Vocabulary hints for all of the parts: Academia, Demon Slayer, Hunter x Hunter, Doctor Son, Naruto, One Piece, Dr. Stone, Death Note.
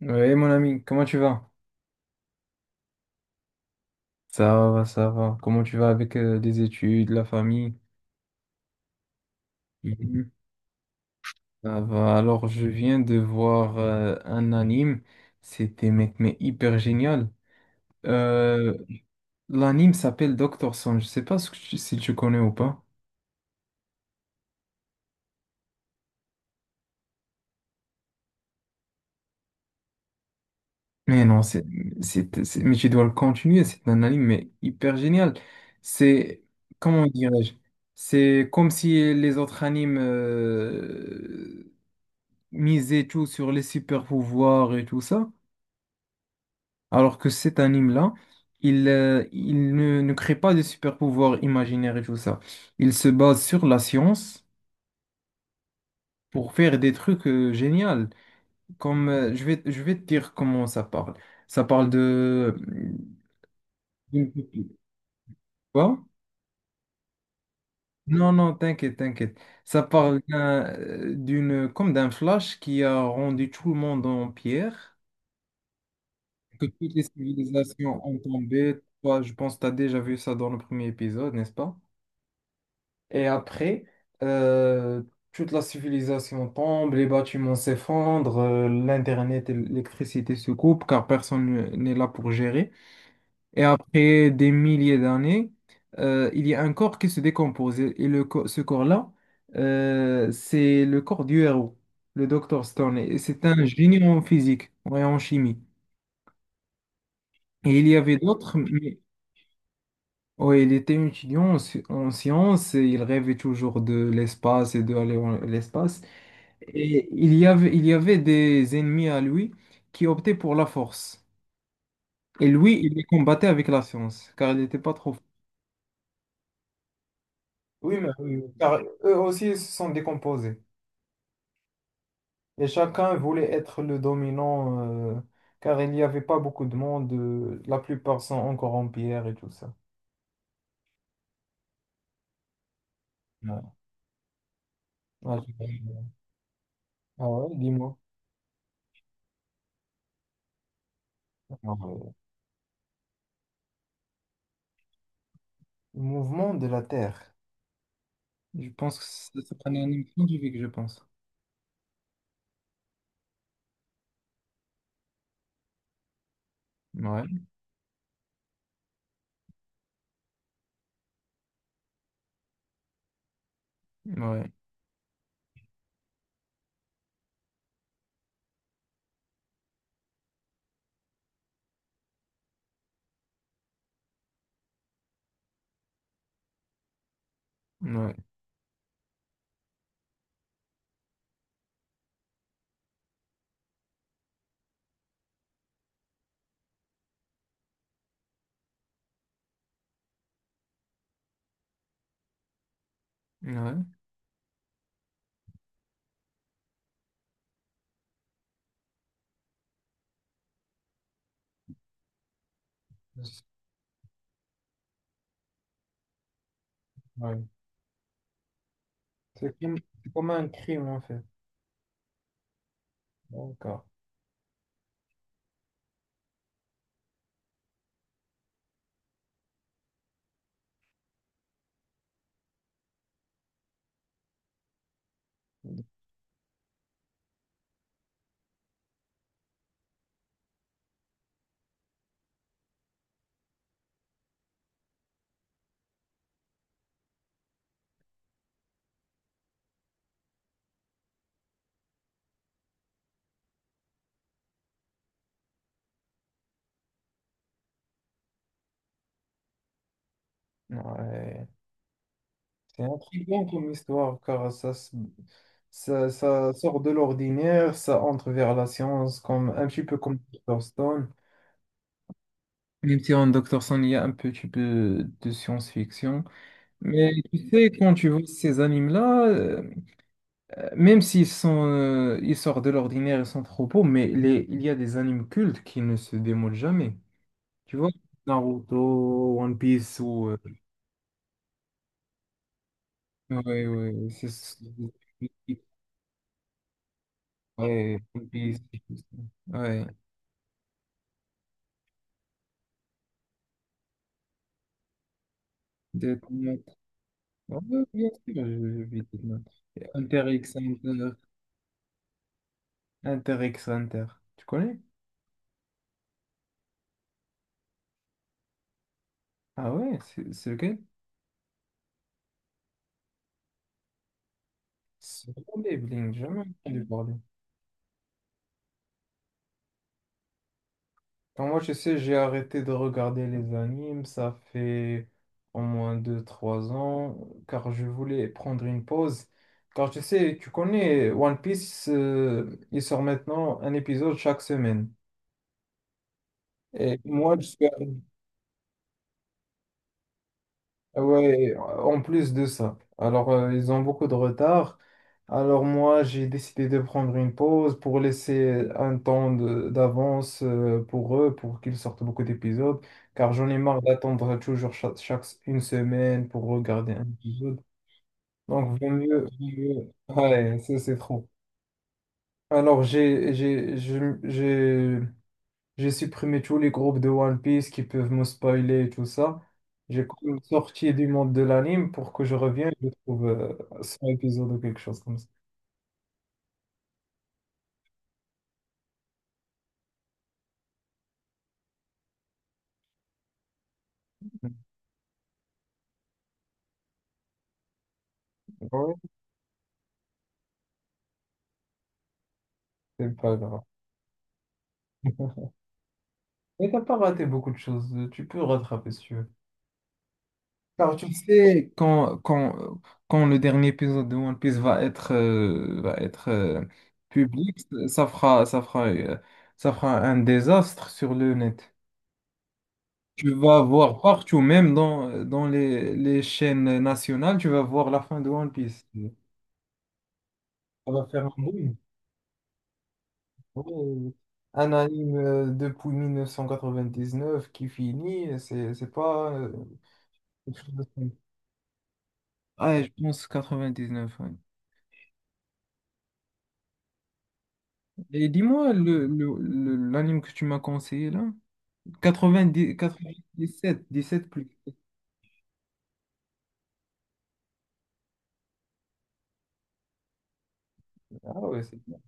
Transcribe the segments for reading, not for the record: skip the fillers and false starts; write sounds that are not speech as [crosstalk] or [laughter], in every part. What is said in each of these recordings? Oui, mon ami, comment tu vas? Ça va, ça va. Comment tu vas avec les études, la famille? Mhm. Ça va. Alors, je viens de voir un anime. C'était mec, mais hyper génial. Euh, l'anime s'appelle Doctor Son. Je sais pas ce que si tu connais ou pas. Mais non, mais tu dois le continuer. C'est un anime mais hyper génial. C'est, comment dirais-je? C'est comme si les autres animes miser tout sur les super pouvoirs et tout ça, alors que cet anime-là, il ne crée pas de super pouvoirs imaginaires et tout ça. Il se base sur la science pour faire des trucs géniaux. Comme je vais te dire comment ça parle. Ça parle de d'une. Quoi? Non, non, t'inquiète, t'inquiète. Ça parle d'une, comme d'un flash qui a rendu tout le monde en pierre. Que toutes les civilisations ont tombé. Toi, je pense que tu as déjà vu ça dans le premier épisode, n'est-ce pas? Et après, euh, toute la civilisation tombe, les bâtiments s'effondrent, l'Internet et l'électricité se coupent car personne n'est là pour gérer. Et après des milliers d'années, il y a un corps qui se décompose. Et ce corps-là, c'est le corps du héros, le Dr. Stone. Et c'est un génie en physique et en chimie. Et il y avait d'autres, mais. Oui, il était étudiant en, en sciences et il rêvait toujours de l'espace et d'aller dans l'espace. Et il y avait des ennemis à lui qui optaient pour la force. Et lui, il les combattait avec la science, car il n'était pas trop fort. Oui, mais oui, oui, car eux aussi se sont décomposés. Et chacun voulait être le dominant, euh, car il n'y avait pas beaucoup de monde. La plupart sont encore en pierre et tout ça. Ouais. Ah, ah ouais, dis-moi. Ah ouais. Le mouvement de la Terre. Je pense que ça prenait un nom scientifique, je pense. Ouais, ouais, ouais, ouais. Ouais. C'est comme, c'est comme un crime, en fait. D'accord. Ouais. C'est intriguant comme histoire, car ça sort de l'ordinaire, ça entre vers la science, comme, un petit peu comme Dr. Stone. Même si en Dr. Stone, il y a un petit peu de science-fiction. Mais tu sais, quand tu vois ces animes-là, même s'ils sont, ils sortent de l'ordinaire, ils sont trop beaux, mais les, il y a des animes cultes qui ne se démodent jamais. Tu vois, Naruto, One Piece ou ouais, ouais, Ouais, One Piece. Ouais, Death Note. Ouais, bien sûr, je vis Death Note. Et Hunter x Hunter. Hunter x Hunter. Tu connais? Ah ouais, c'est lequel? C'est Blink, jamais entendu parler. Quand moi, je sais, j'ai arrêté de regarder les animes, ça fait au moins deux trois ans, car je voulais prendre une pause. Car tu sais, tu connais One Piece, il sort maintenant un épisode chaque semaine. Et moi, je suis. Ouais, en plus de ça. Alors, ils ont beaucoup de retard. Alors, moi, j'ai décidé de prendre une pause pour laisser un temps d'avance pour eux, pour qu'ils sortent beaucoup d'épisodes, car j'en ai marre d'attendre toujours une semaine pour regarder un épisode. Donc, ouais, ça, c'est trop. Alors, j'ai supprimé tous les groupes de One Piece qui peuvent me spoiler et tout ça. J'ai quand même sorti du monde de l'anime pour que je revienne et je trouve 100 épisodes ou quelque chose comme ça. Ouais, c'est pas grave. [laughs] Mais t'as pas raté beaucoup de choses. Tu peux rattraper si tu veux. Car tu sais, quand le dernier épisode de One Piece va être public, ça fera, ça fera, euh, ça fera un désastre sur le net. Tu vas voir partout, même dans les chaînes nationales, tu vas voir la fin de One Piece. Ça va faire un boom. Oui. Un anime depuis 1999 qui finit, c'est pas quelque chose de simple. Ah, je pense 99, ouais. Et dis-moi, l'anime que tu m'as conseillé là? 90, 97, 17 plus. Ah ouais, c'est bien.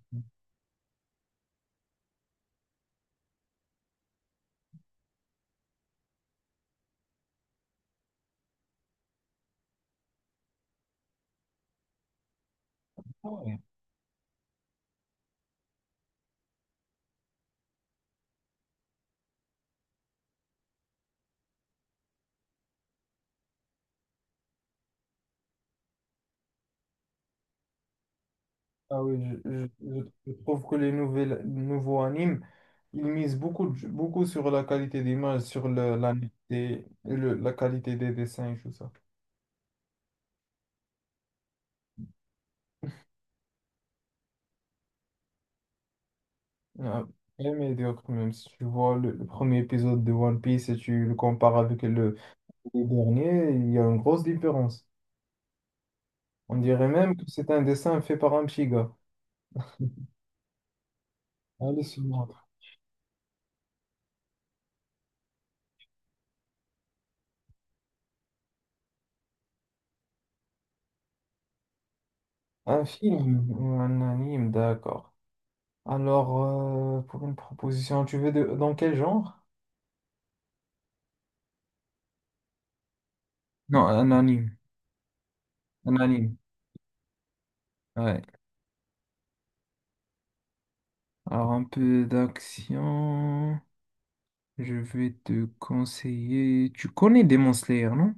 Ah oui, je trouve que les nouveaux animes, ils misent beaucoup, beaucoup sur la qualité d'image, sur la, netteté, la qualité des dessins et tout ça. Ah, très médiocre même. Si tu vois le premier épisode de One Piece et tu le compares avec le dernier, il y a une grosse différence. On dirait même que c'est un dessin fait par un petit gars. Allez, se montre. Un film ou un anime, d'accord. Alors, pour une proposition, tu veux de, dans quel genre? Non, un anime. Un anime. Ouais. Alors, un peu d'action. Je vais te conseiller. Tu connais Demon Slayer, non?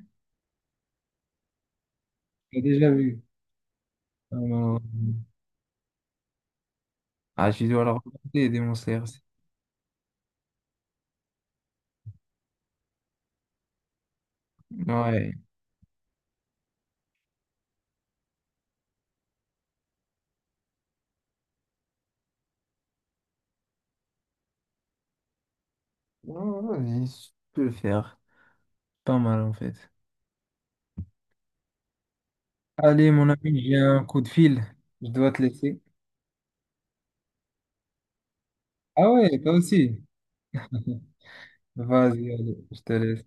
J'ai déjà vu. Euh, Ah, tu dois leur regarder, Demon Slayer. Ouais. Ouais, vas-y, je peux le faire. Pas mal, en fait. Allez, mon ami, j'ai un coup de fil. Je dois te laisser. Ah ouais, toi aussi. [laughs] Vas-y, allez, je te laisse.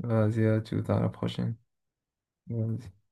Vas-y, à tout, à la prochaine. Vas-y.